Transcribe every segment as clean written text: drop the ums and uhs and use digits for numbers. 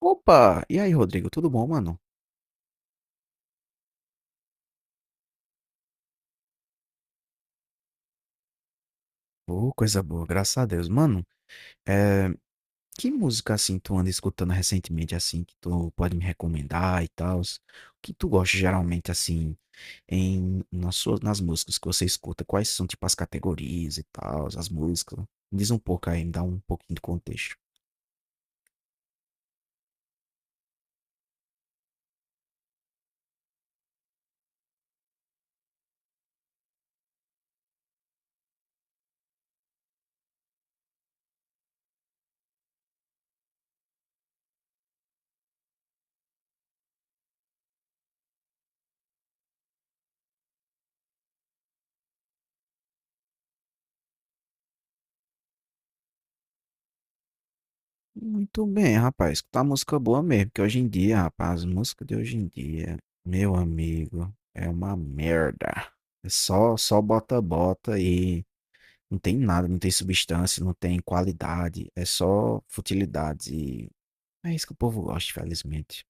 Opa! E aí, Rodrigo, tudo bom, mano? Ô, coisa boa, graças a Deus. Mano, é, que música assim tu anda escutando recentemente, assim, que tu pode me recomendar e tal? O que tu gosta geralmente, assim, nas músicas que você escuta? Quais são, tipo, as categorias e tal, as músicas? Me diz um pouco aí, me dá um pouquinho de contexto. Muito bem, rapaz. Escutar música boa mesmo, porque hoje em dia, rapaz, as músicas de hoje em dia, meu amigo, é uma merda. É só, só bota-bota e não tem nada, não tem substância, não tem qualidade, é só futilidade. E é isso que o povo gosta, infelizmente.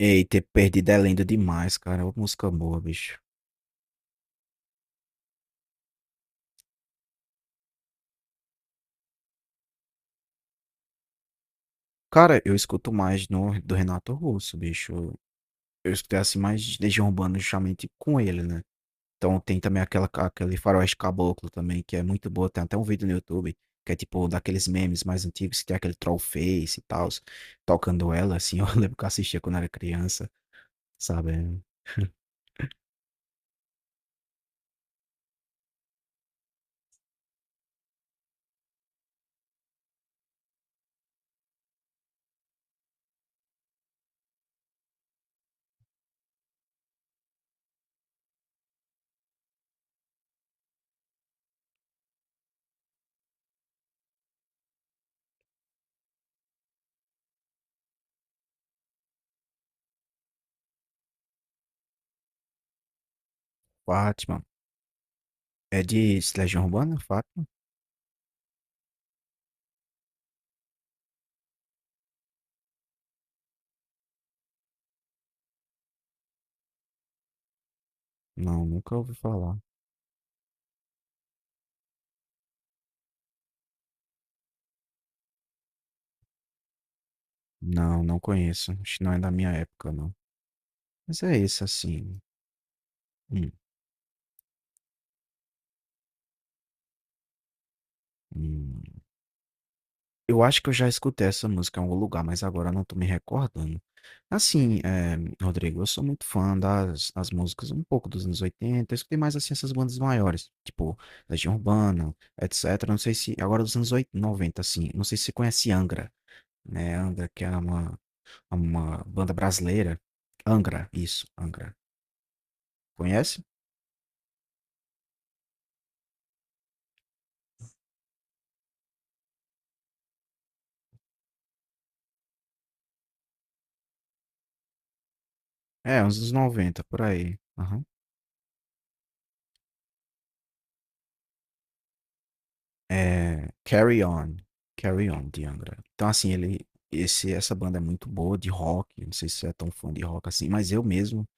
E ter perdido é lindo demais, cara. Ô, música boa, bicho. Cara, eu escuto mais no, do Renato Russo, bicho. Eu escutei assim mais Legião Urbana justamente com ele, né? Então tem também aquele Faroeste Caboclo também, que é muito boa. Tem até um vídeo no YouTube, que é tipo daqueles memes mais antigos, que tem aquele troll face e tal, tocando ela, assim. Eu lembro que eu assistia quando era criança, sabe? Fátima. É de Legião Urbana, fato? Não, nunca ouvi falar. Não, não conheço. Acho que não é da minha época, não. Mas é isso, assim. Hum, hum. Eu acho que eu já escutei essa música em algum lugar, mas agora eu não tô me recordando. Assim, é, Rodrigo, eu sou muito fã das músicas um pouco dos anos 80. Eu escutei mais, assim, essas bandas maiores, tipo Legião Urbana, etc. Não sei se... Agora dos anos 80, 90, assim. Não sei se você conhece Angra, né? Angra, que é uma banda brasileira. Angra, isso, Angra. Conhece? É, uns dos 90 por aí. Aham. É, Carry On. Carry On, de Angra. Então, assim, essa banda é muito boa de rock. Não sei se você é tão fã de rock assim, mas eu mesmo,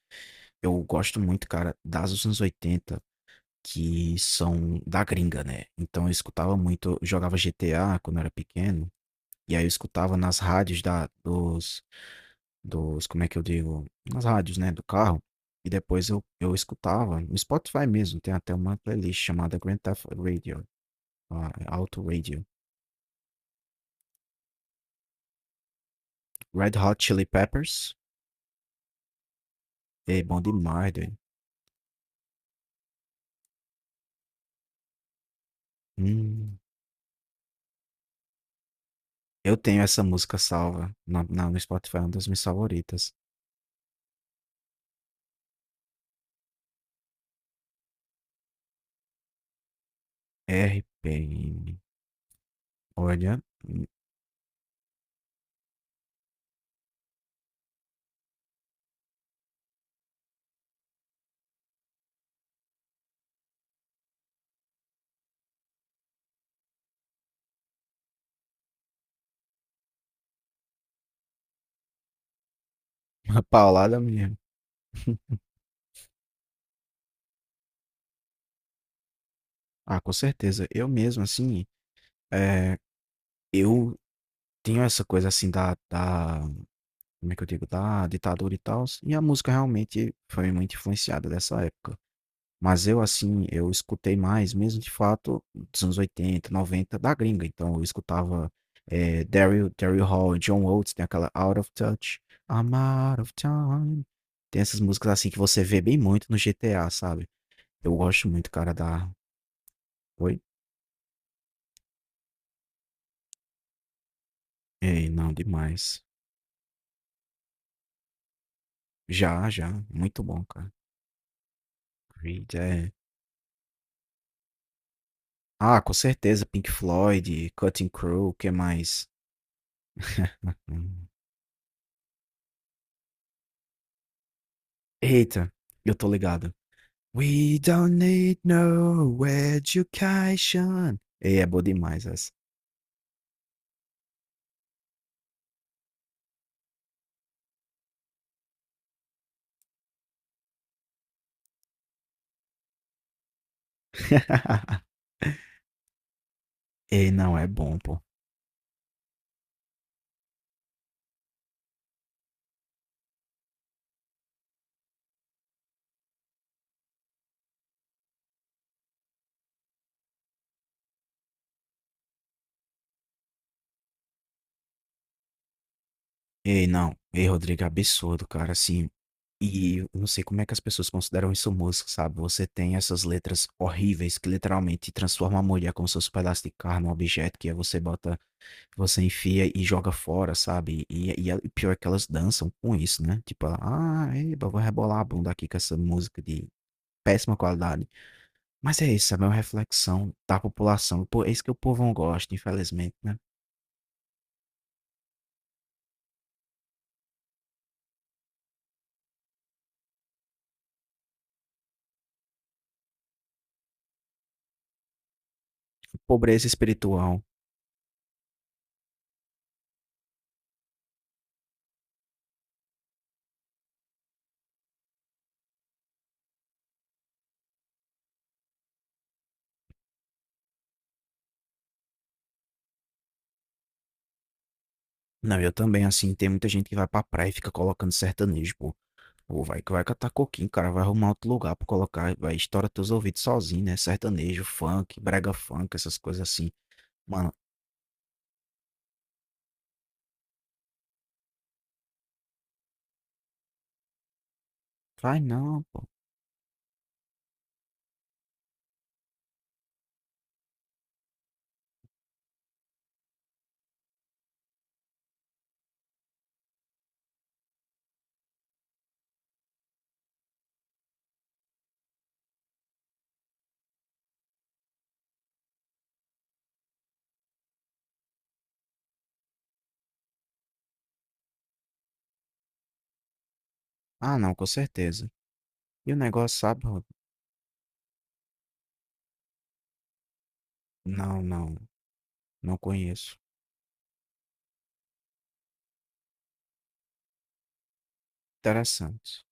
eu gosto muito, cara, das dos anos 80 que são da gringa, né? Então, eu escutava muito, eu jogava GTA quando eu era pequeno, e aí eu escutava nas rádios como é que eu digo, nas rádios, né, do carro. E depois eu escutava no Spotify mesmo, tem até uma playlist chamada Grand Theft Radio, ah, Auto Radio. Red Hot Chili Peppers, é bom demais, doido. Hum, eu tenho essa música salva no Spotify, é uma das minhas favoritas. R RPM. Olha, uma paulada mesmo. Ah, com certeza. Eu mesmo, assim, é, eu tenho essa coisa assim da, como é que eu digo, da ditadura e tal. E a música realmente foi muito influenciada dessa época. Mas eu, assim, eu escutei mais, mesmo de fato, dos anos 80 90 da gringa. Então eu escutava Daryl Hall, John Oates, tem aquela Out of Touch, I'm Out of Time. Tem essas músicas assim que você vê bem muito no GTA, sabe? Eu gosto muito, cara, da. Oi? Ei, não, demais. Já, já. Muito bom, cara. Creed, é. Ah, com certeza, Pink Floyd, Cutting Crew, o que mais? Eita, eu tô ligado. We don't need no education. Ei, é boa demais essa. Ei, não, é bom, pô. Ei, não. Ei, Rodrigo, é absurdo, cara, assim. E eu não sei como é que as pessoas consideram isso música, sabe? Você tem essas letras horríveis que literalmente transformam a mulher como se fosse um pedaço de carne, um objeto que aí você bota. Você enfia e joga fora, sabe? E pior é que elas dançam com isso, né? Tipo, ah, eba, vou rebolar a bunda aqui com essa música de péssima qualidade. Mas é isso, sabe? É uma reflexão da população. Pô, é isso que o povo não gosta, infelizmente, né? Pobreza espiritual. Não, eu também, assim, tem muita gente que vai pra praia e fica colocando sertanejo, pô. Ou vai que vai catar coquinho, cara, vai arrumar outro lugar pra colocar, vai estourar teus ouvidos sozinho, né? Sertanejo, funk, brega funk, essas coisas assim. Mano, vai não, pô. Ah, não, com certeza. E o negócio, sabe? Ro? Não, não, não conheço. Interessante.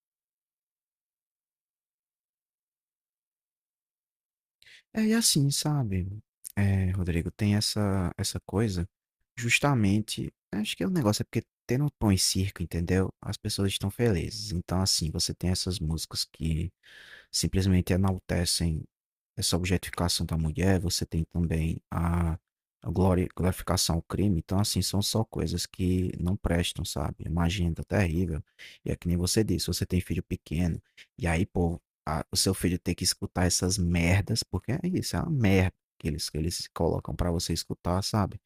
É, e assim, sabe, é, Rodrigo, tem essa coisa, justamente, acho que é o negócio é porque tendo um pão e circo, entendeu? As pessoas estão felizes. Então, assim, você tem essas músicas que simplesmente enaltecem essa objetificação da mulher, você tem também a glorificação ao crime. Então, assim, são só coisas que não prestam, sabe? É uma agenda terrível. E é que nem você disse, você tem filho pequeno, e aí, pô, o seu filho tem que escutar essas merdas, porque é isso, é uma merda que eles colocam pra você escutar, sabe?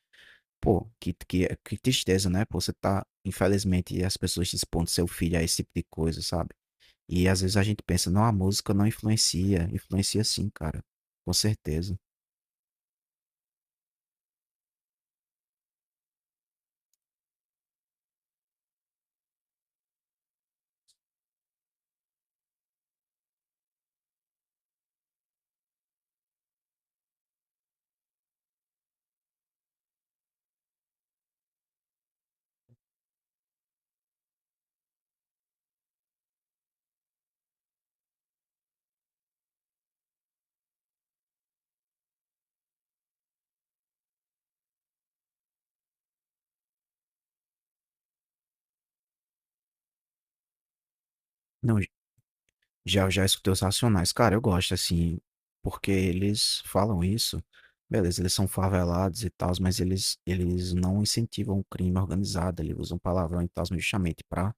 Pô, que tristeza, né? Pô, você tá, infelizmente, as pessoas expondo seu filho a esse tipo de coisa, sabe? E às vezes a gente pensa, não, a música não influencia. Influencia sim, cara. Com certeza. Não, já, já escutei os Racionais. Cara, eu gosto, assim, porque eles falam isso. Beleza, eles são favelados e tal, mas eles não incentivam o crime organizado. Eles usam palavrão e tal, justamente pra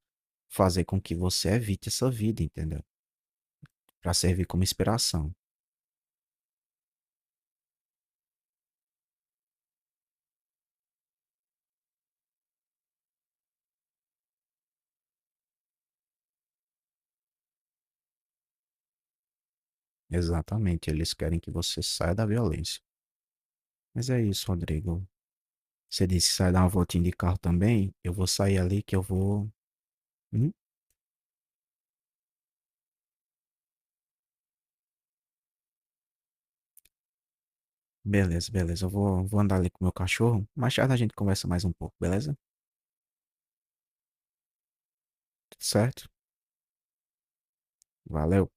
fazer com que você evite essa vida, entendeu? Pra servir como inspiração. Exatamente, eles querem que você saia da violência. Mas é isso, Rodrigo. Você disse que sai dar uma voltinha de carro também. Eu vou sair ali que eu vou. Uhum. Beleza, beleza. Vou andar ali com o meu cachorro. Mais tarde a gente conversa mais um pouco, beleza? Certo? Valeu.